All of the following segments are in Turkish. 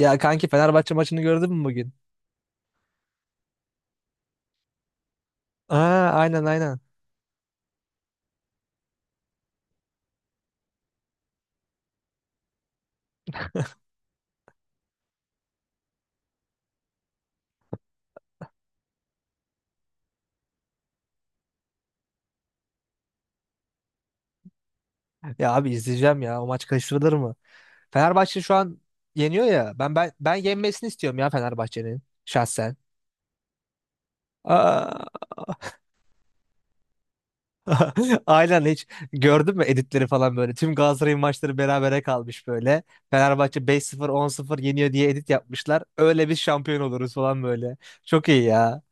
Ya kanki Fenerbahçe maçını gördün mü bugün? Aa, aynen aynen. Ya abi izleyeceğim ya. O maç kaçırılır mı? Fenerbahçe şu an yeniyor ya. Ben yenmesini istiyorum ya Fenerbahçe'nin şahsen. Aa, aynen hiç gördün mü editleri falan böyle. Tüm Galatasaray'ın maçları berabere kalmış böyle. Fenerbahçe 5-0 10-0 yeniyor diye edit yapmışlar. Öyle biz şampiyon oluruz falan böyle. Çok iyi ya.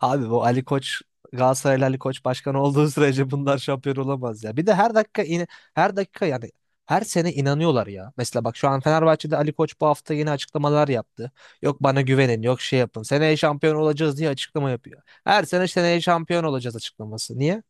Abi bu Ali Koç Galatasaraylı Ali Koç başkan olduğu sürece bunlar şampiyon olamaz ya. Bir de her dakika yani her sene inanıyorlar ya. Mesela bak şu an Fenerbahçe'de Ali Koç bu hafta yeni açıklamalar yaptı. Yok bana güvenin, yok şey yapın. Seneye şampiyon olacağız diye açıklama yapıyor. Her sene seneye şampiyon olacağız açıklaması. Niye?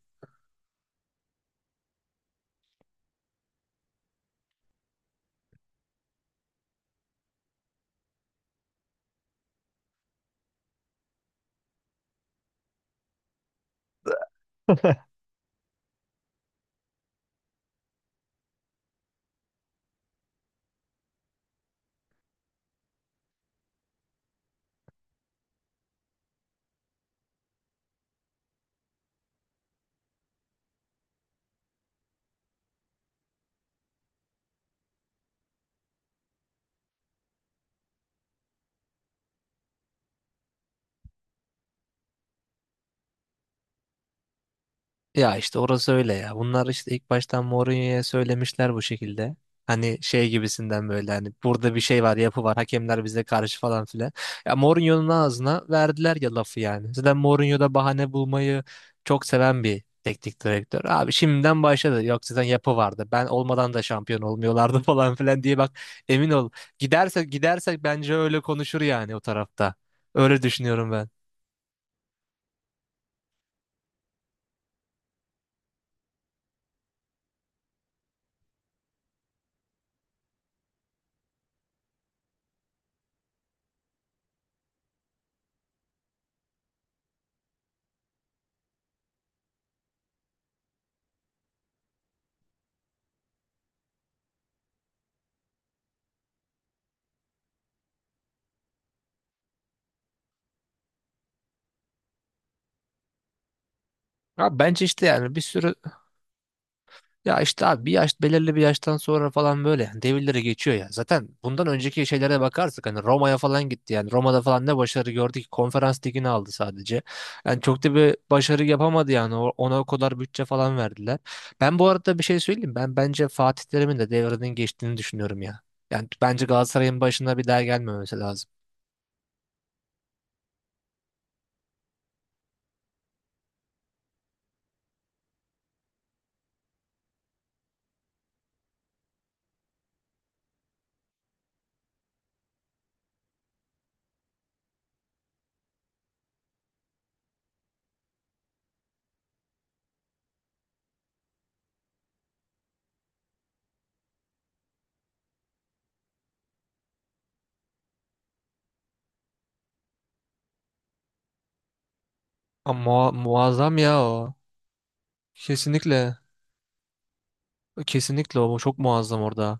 Ya işte orası öyle ya. Bunlar işte ilk baştan Mourinho'ya söylemişler bu şekilde. Hani şey gibisinden böyle hani burada bir şey var, yapı var. Hakemler bize karşı falan filan. Ya Mourinho'nun ağzına verdiler ya lafı yani. Zaten Mourinho da bahane bulmayı çok seven bir teknik direktör. Abi şimdiden başladı. Yok zaten yapı vardı. Ben olmadan da şampiyon olmuyorlardı falan filan diye bak emin ol. Gidersek gidersek bence öyle konuşur yani o tarafta. Öyle düşünüyorum ben. Abi bence işte yani bir sürü. Ya işte abi bir yaş belirli bir yaştan sonra falan böyle devirleri geçiyor ya. Zaten bundan önceki şeylere bakarsak hani Roma'ya falan gitti yani. Roma'da falan ne başarı gördü ki konferans ligini aldı sadece. Yani çok da bir başarı yapamadı yani. Ona o kadar bütçe falan verdiler. Ben bu arada bir şey söyleyeyim. Ben bence Fatih Terim'in de devrinin geçtiğini düşünüyorum ya. Yani bence Galatasaray'ın başına bir daha gelmemesi lazım. Ama muazzam ya o. Kesinlikle. Kesinlikle o çok muazzam orada.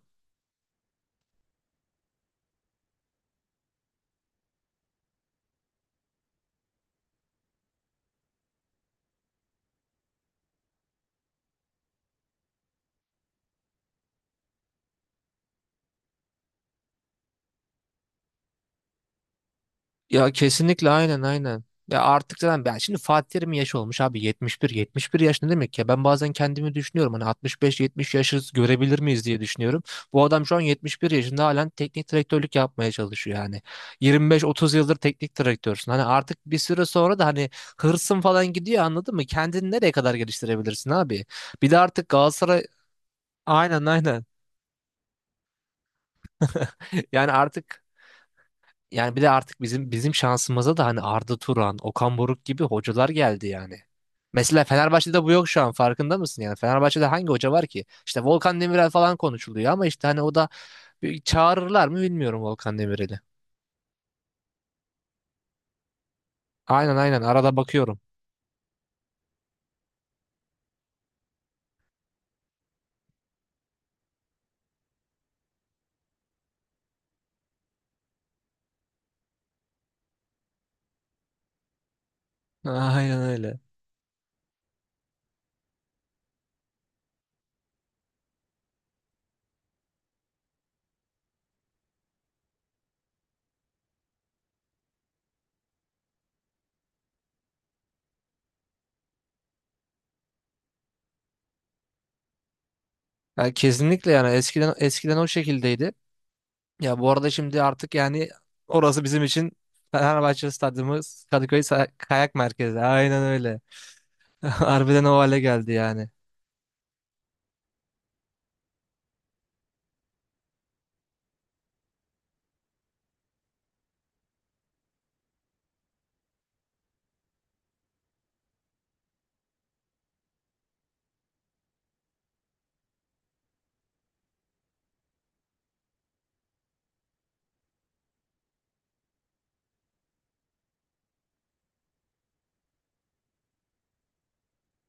Ya kesinlikle aynen aynen. Ya artık zaten ben şimdi Fatih Terim'in yaşı olmuş abi 71 yaş ne demek ya? Ben bazen kendimi düşünüyorum hani 65, 70 yaşı görebilir miyiz diye düşünüyorum. Bu adam şu an 71 yaşında halen teknik direktörlük yapmaya çalışıyor yani. 25, 30 yıldır teknik direktörsün. Hani artık bir süre sonra da hani hırsın falan gidiyor anladın mı? Kendini nereye kadar geliştirebilirsin abi? Bir de artık Galatasaray aynen aynen. Yani artık. Yani bir de artık bizim şansımıza da hani Arda Turan, Okan Buruk gibi hocalar geldi yani. Mesela Fenerbahçe'de bu yok şu an farkında mısın yani? Fenerbahçe'de hangi hoca var ki? İşte Volkan Demirel falan konuşuluyor ama işte hani o da bir çağırırlar mı bilmiyorum Volkan Demirel'i. Aynen aynen arada bakıyorum. Aynen öyle. Yani kesinlikle yani eskiden eskiden o şekildeydi. Ya bu arada şimdi artık yani orası bizim için Fenerbahçe Stadyumu Kadıköy Kayak Merkezi. Aynen öyle. Harbiden o hale geldi yani.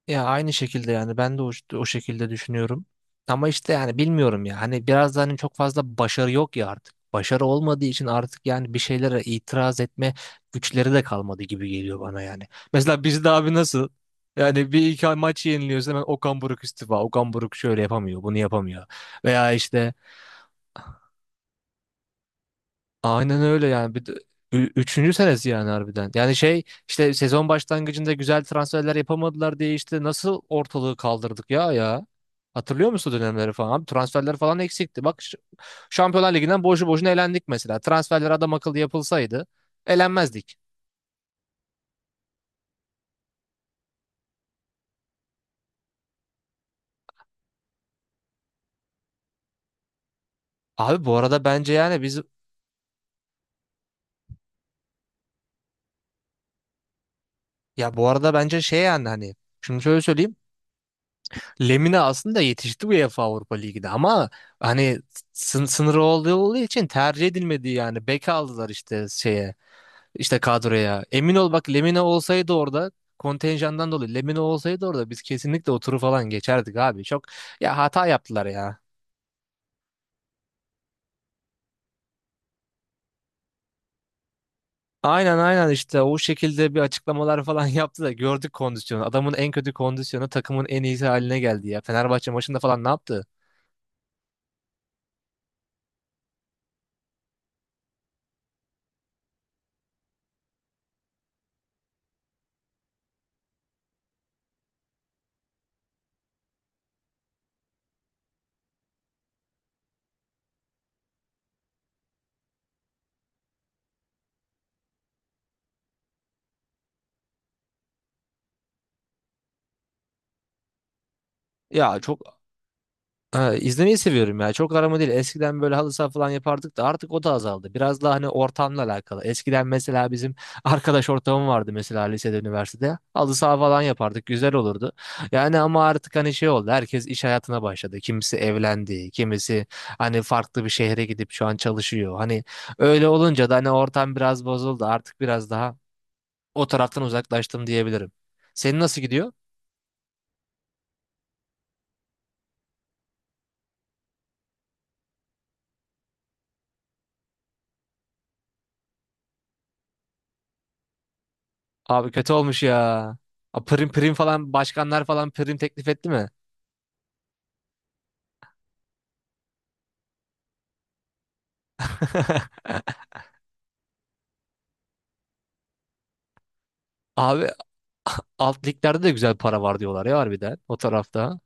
Ya aynı şekilde yani ben de o, o şekilde düşünüyorum. Ama işte yani bilmiyorum ya hani biraz da hani çok fazla başarı yok ya artık. Başarı olmadığı için artık yani bir şeylere itiraz etme güçleri de kalmadı gibi geliyor bana yani. Mesela bizde abi nasıl? Yani bir iki maç yeniliyoruz hemen Okan Buruk istifa. Okan Buruk şöyle yapamıyor, bunu yapamıyor. Veya işte aynen öyle yani. Bir de, üçüncü senesi yani harbiden. Yani şey işte sezon başlangıcında güzel transferler yapamadılar diye işte nasıl ortalığı kaldırdık ya ya. Hatırlıyor musun o dönemleri falan? Abi transferler falan eksikti. Bak Şampiyonlar Ligi'nden boşu boşuna elendik mesela. Transferler adam akıllı yapılsaydı elenmezdik. Abi bu arada bence yani biz, ya bu arada bence şey yani hani şimdi şöyle söyleyeyim. Lemina aslında yetişti UEFA Avrupa Ligi'de ama hani sınırı olduğu için tercih edilmedi yani. Bek aldılar işte şeye işte kadroya. Emin ol bak Lemina olsaydı orada kontenjandan dolayı Lemina olsaydı orada biz kesinlikle o turu falan geçerdik abi. Çok ya hata yaptılar ya. Aynen aynen işte o şekilde bir açıklamalar falan yaptı da gördük kondisyonu. Adamın en kötü kondisyonu takımın en iyisi haline geldi ya. Fenerbahçe maçında falan ne yaptı? Ya çok. Ha, izlemeyi seviyorum ya. Çok arama değil. Eskiden böyle halı saha falan yapardık da artık o da azaldı. Biraz daha hani ortamla alakalı. Eskiden mesela bizim arkadaş ortamım vardı mesela lisede, üniversitede. Halı saha falan yapardık. Güzel olurdu. Yani ama artık hani şey oldu. Herkes iş hayatına başladı. Kimisi evlendi. Kimisi hani farklı bir şehre gidip şu an çalışıyor. Hani öyle olunca da hani ortam biraz bozuldu. Artık biraz daha o taraftan uzaklaştım diyebilirim. Senin nasıl gidiyor? Abi kötü olmuş ya. A, prim prim falan başkanlar falan prim teklif etti mi? Abi alt liglerde de güzel para var diyorlar ya harbiden o tarafta.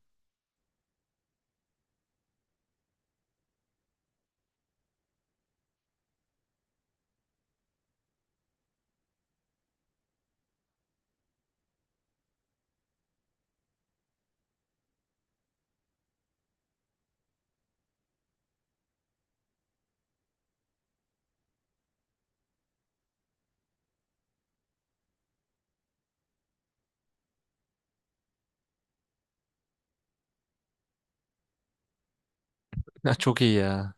Ya çok iyi ya.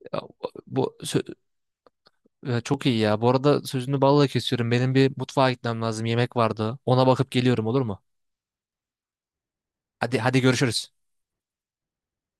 Ya bu sö- çok iyi ya. Bu arada sözünü balla kesiyorum. Benim bir mutfağa gitmem lazım. Yemek vardı. Ona bakıp geliyorum olur mu? Hadi hadi görüşürüz.